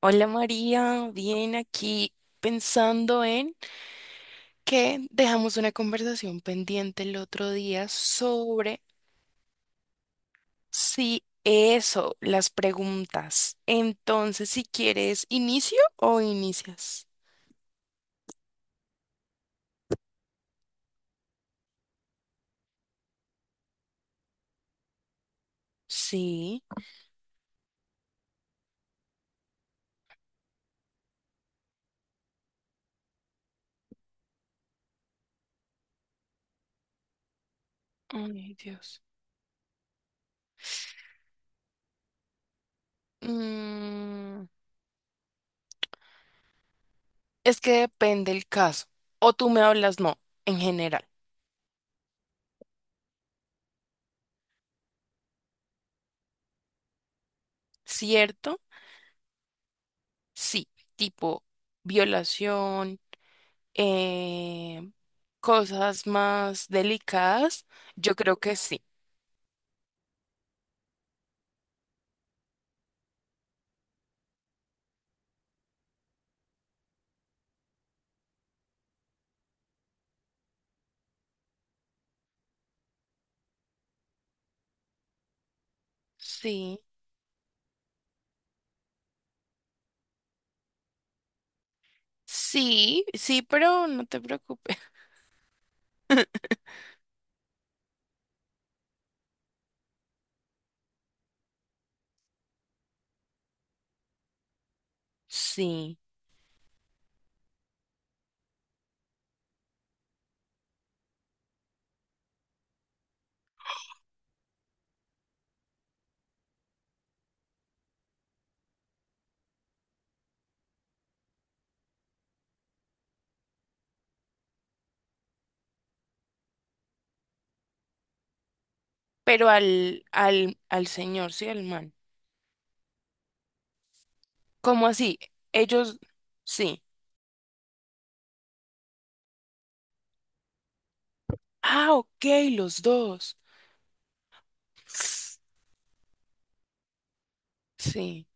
Hola María, bien aquí pensando en que dejamos una conversación pendiente el otro día sobre si eso, las preguntas. Entonces, si quieres, ¿inicio o inicias? Sí. Ay, Dios. Mm, es que depende el caso. O tú me hablas, no, en general. ¿Cierto? Sí. Tipo violación, eh, cosas más delicadas, yo creo que sí. Sí, sí, sí, pero no te preocupes. Sí, pero al señor, sí, al man. ¿Cómo así? Ellos, sí. Ah, ok, los dos. Sí,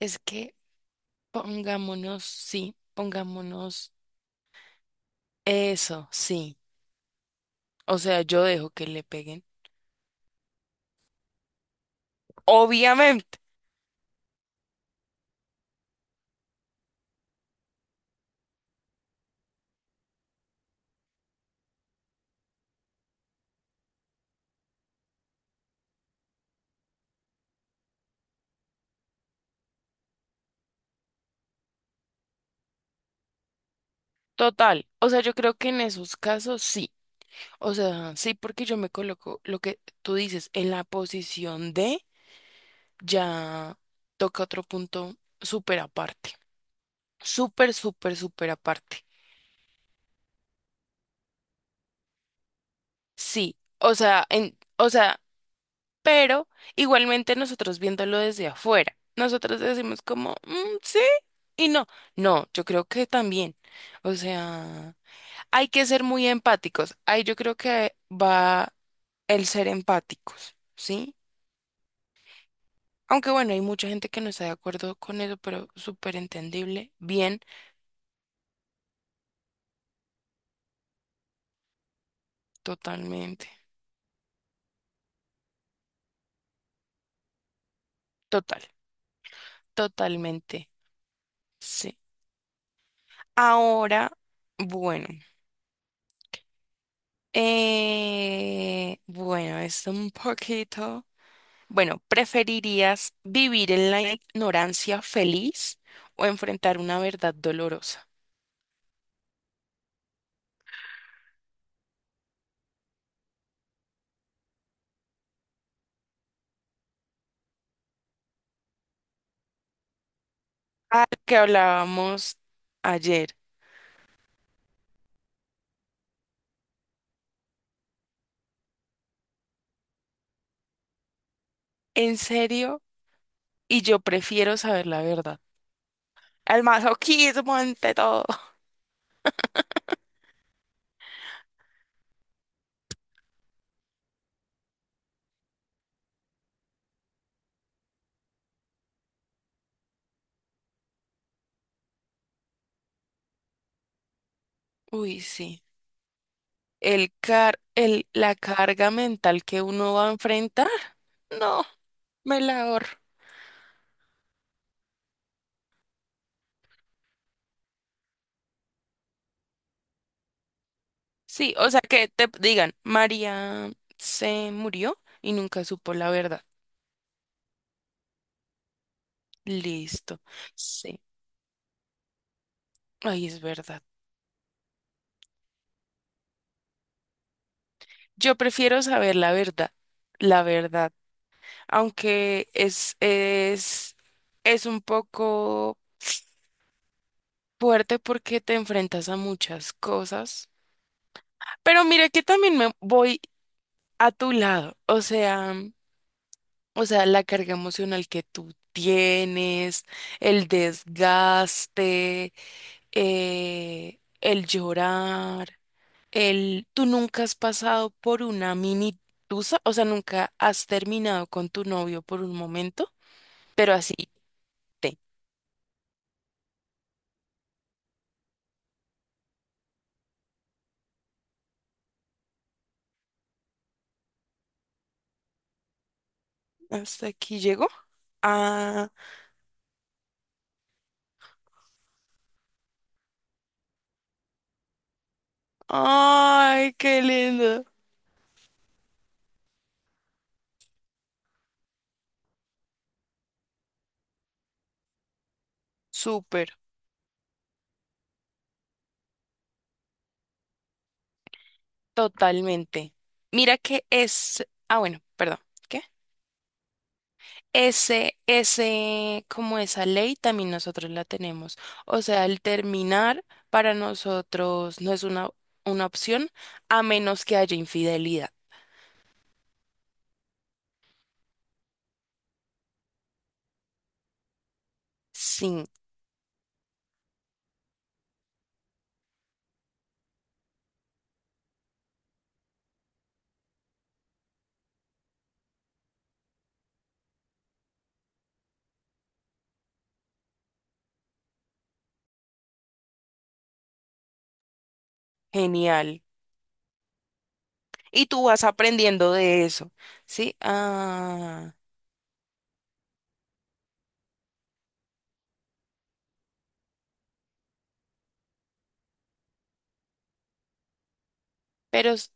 es que pongámonos eso, sí. O sea, yo dejo que le peguen. Obviamente, total. O sea, yo creo que en esos casos sí. O sea, sí, porque yo me coloco lo que tú dices en la posición de ya, toca otro punto súper aparte. Súper aparte. Sí, o sea, o sea, pero igualmente nosotros viéndolo desde afuera, nosotros decimos como, "Mm, sí y no. No, yo creo que también. O sea, hay que ser muy empáticos. Ahí yo creo que va el ser empáticos, ¿sí? Aunque bueno, hay mucha gente que no está de acuerdo con eso, pero súper entendible. Bien, totalmente. Total, totalmente. Sí. Ahora, bueno. Bueno, es un poquito. Bueno, ¿preferirías vivir en la ignorancia feliz o enfrentar una verdad dolorosa? Ah, que hablábamos ayer. ¿En serio? Y yo prefiero saber la verdad. Al masoquismo ante todo. Uy, sí. La carga mental que uno va a enfrentar, no, me la ahorro. Sí, o sea que te digan, María se murió y nunca supo la verdad. Listo. Sí, ahí es verdad. Yo prefiero saber la verdad, aunque es un poco fuerte porque te enfrentas a muchas cosas. Pero mira que también me voy a tu lado, o sea. O sea, la carga emocional que tú tienes, el desgaste, el llorar, el... Tú nunca has pasado por una mini tusa, o sea, nunca has terminado con tu novio por un momento, pero así te... Hasta aquí llegó. Ah, ay, qué lindo. Súper, totalmente. Mira que es... Ah, bueno, perdón. ¿Qué? Como esa ley también nosotros la tenemos. O sea, el terminar para nosotros no es una opción a menos que haya infidelidad. Sí, genial. Y tú vas aprendiendo de eso. Sí, ah, pero s-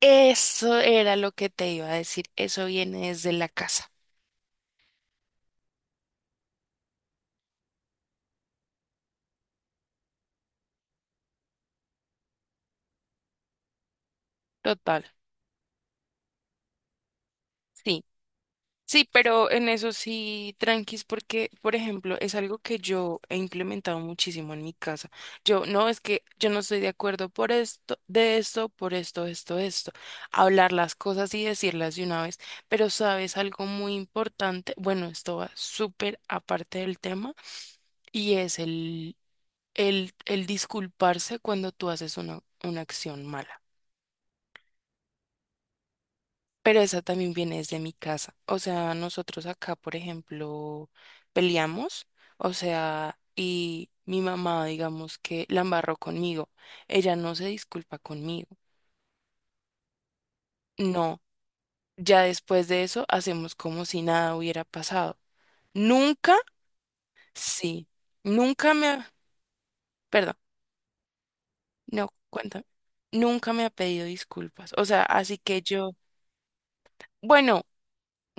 eso era lo que te iba a decir. Eso viene desde la casa. Total. Sí. Sí, pero en eso sí, tranquis, porque, por ejemplo, es algo que yo he implementado muchísimo en mi casa. Yo, no, es que yo no estoy de acuerdo por esto, de esto, por esto, esto, esto. Hablar las cosas y decirlas de una vez. Pero sabes algo muy importante, bueno, esto va súper aparte del tema, y es el disculparse cuando tú haces una acción mala. Pero esa también viene desde mi casa. O sea, nosotros acá, por ejemplo, peleamos. O sea, y mi mamá, digamos que la embarró conmigo. Ella no se disculpa conmigo. No. Ya después de eso hacemos como si nada hubiera pasado. Nunca, sí. Nunca me ha... Perdón, no, cuéntame. Nunca me ha pedido disculpas. O sea, así que yo... Bueno.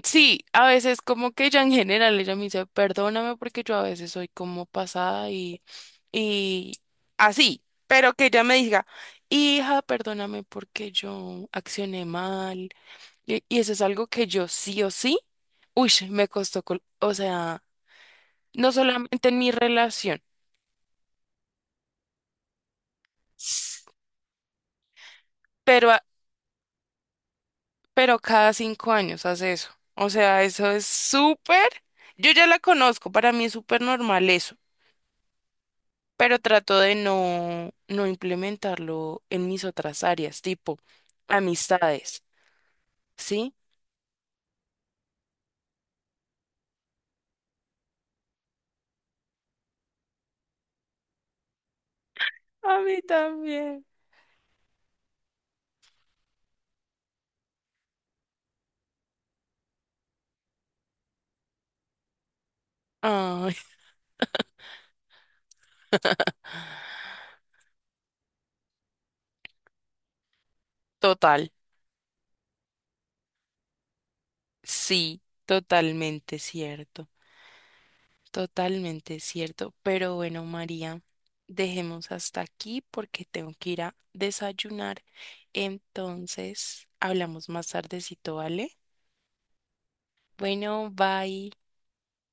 Sí, a veces como que ella en general, ella me dice, perdóname porque yo a veces soy como pasada y así, pero que ella me diga, hija, perdóname porque yo accioné mal. Y eso es algo que yo sí o sí, uy, o sea, no solamente en mi relación, s- pero, a- pero cada 5 años hace eso. O sea, eso es súper, yo ya la conozco, para mí es súper normal eso. Pero trato de no implementarlo en mis otras áreas, tipo amistades, ¿sí? A mí también. Ay, total, sí, totalmente cierto, totalmente cierto. Pero bueno, María, dejemos hasta aquí porque tengo que ir a desayunar. Entonces, hablamos más tardecito, ¿vale? Bueno, bye.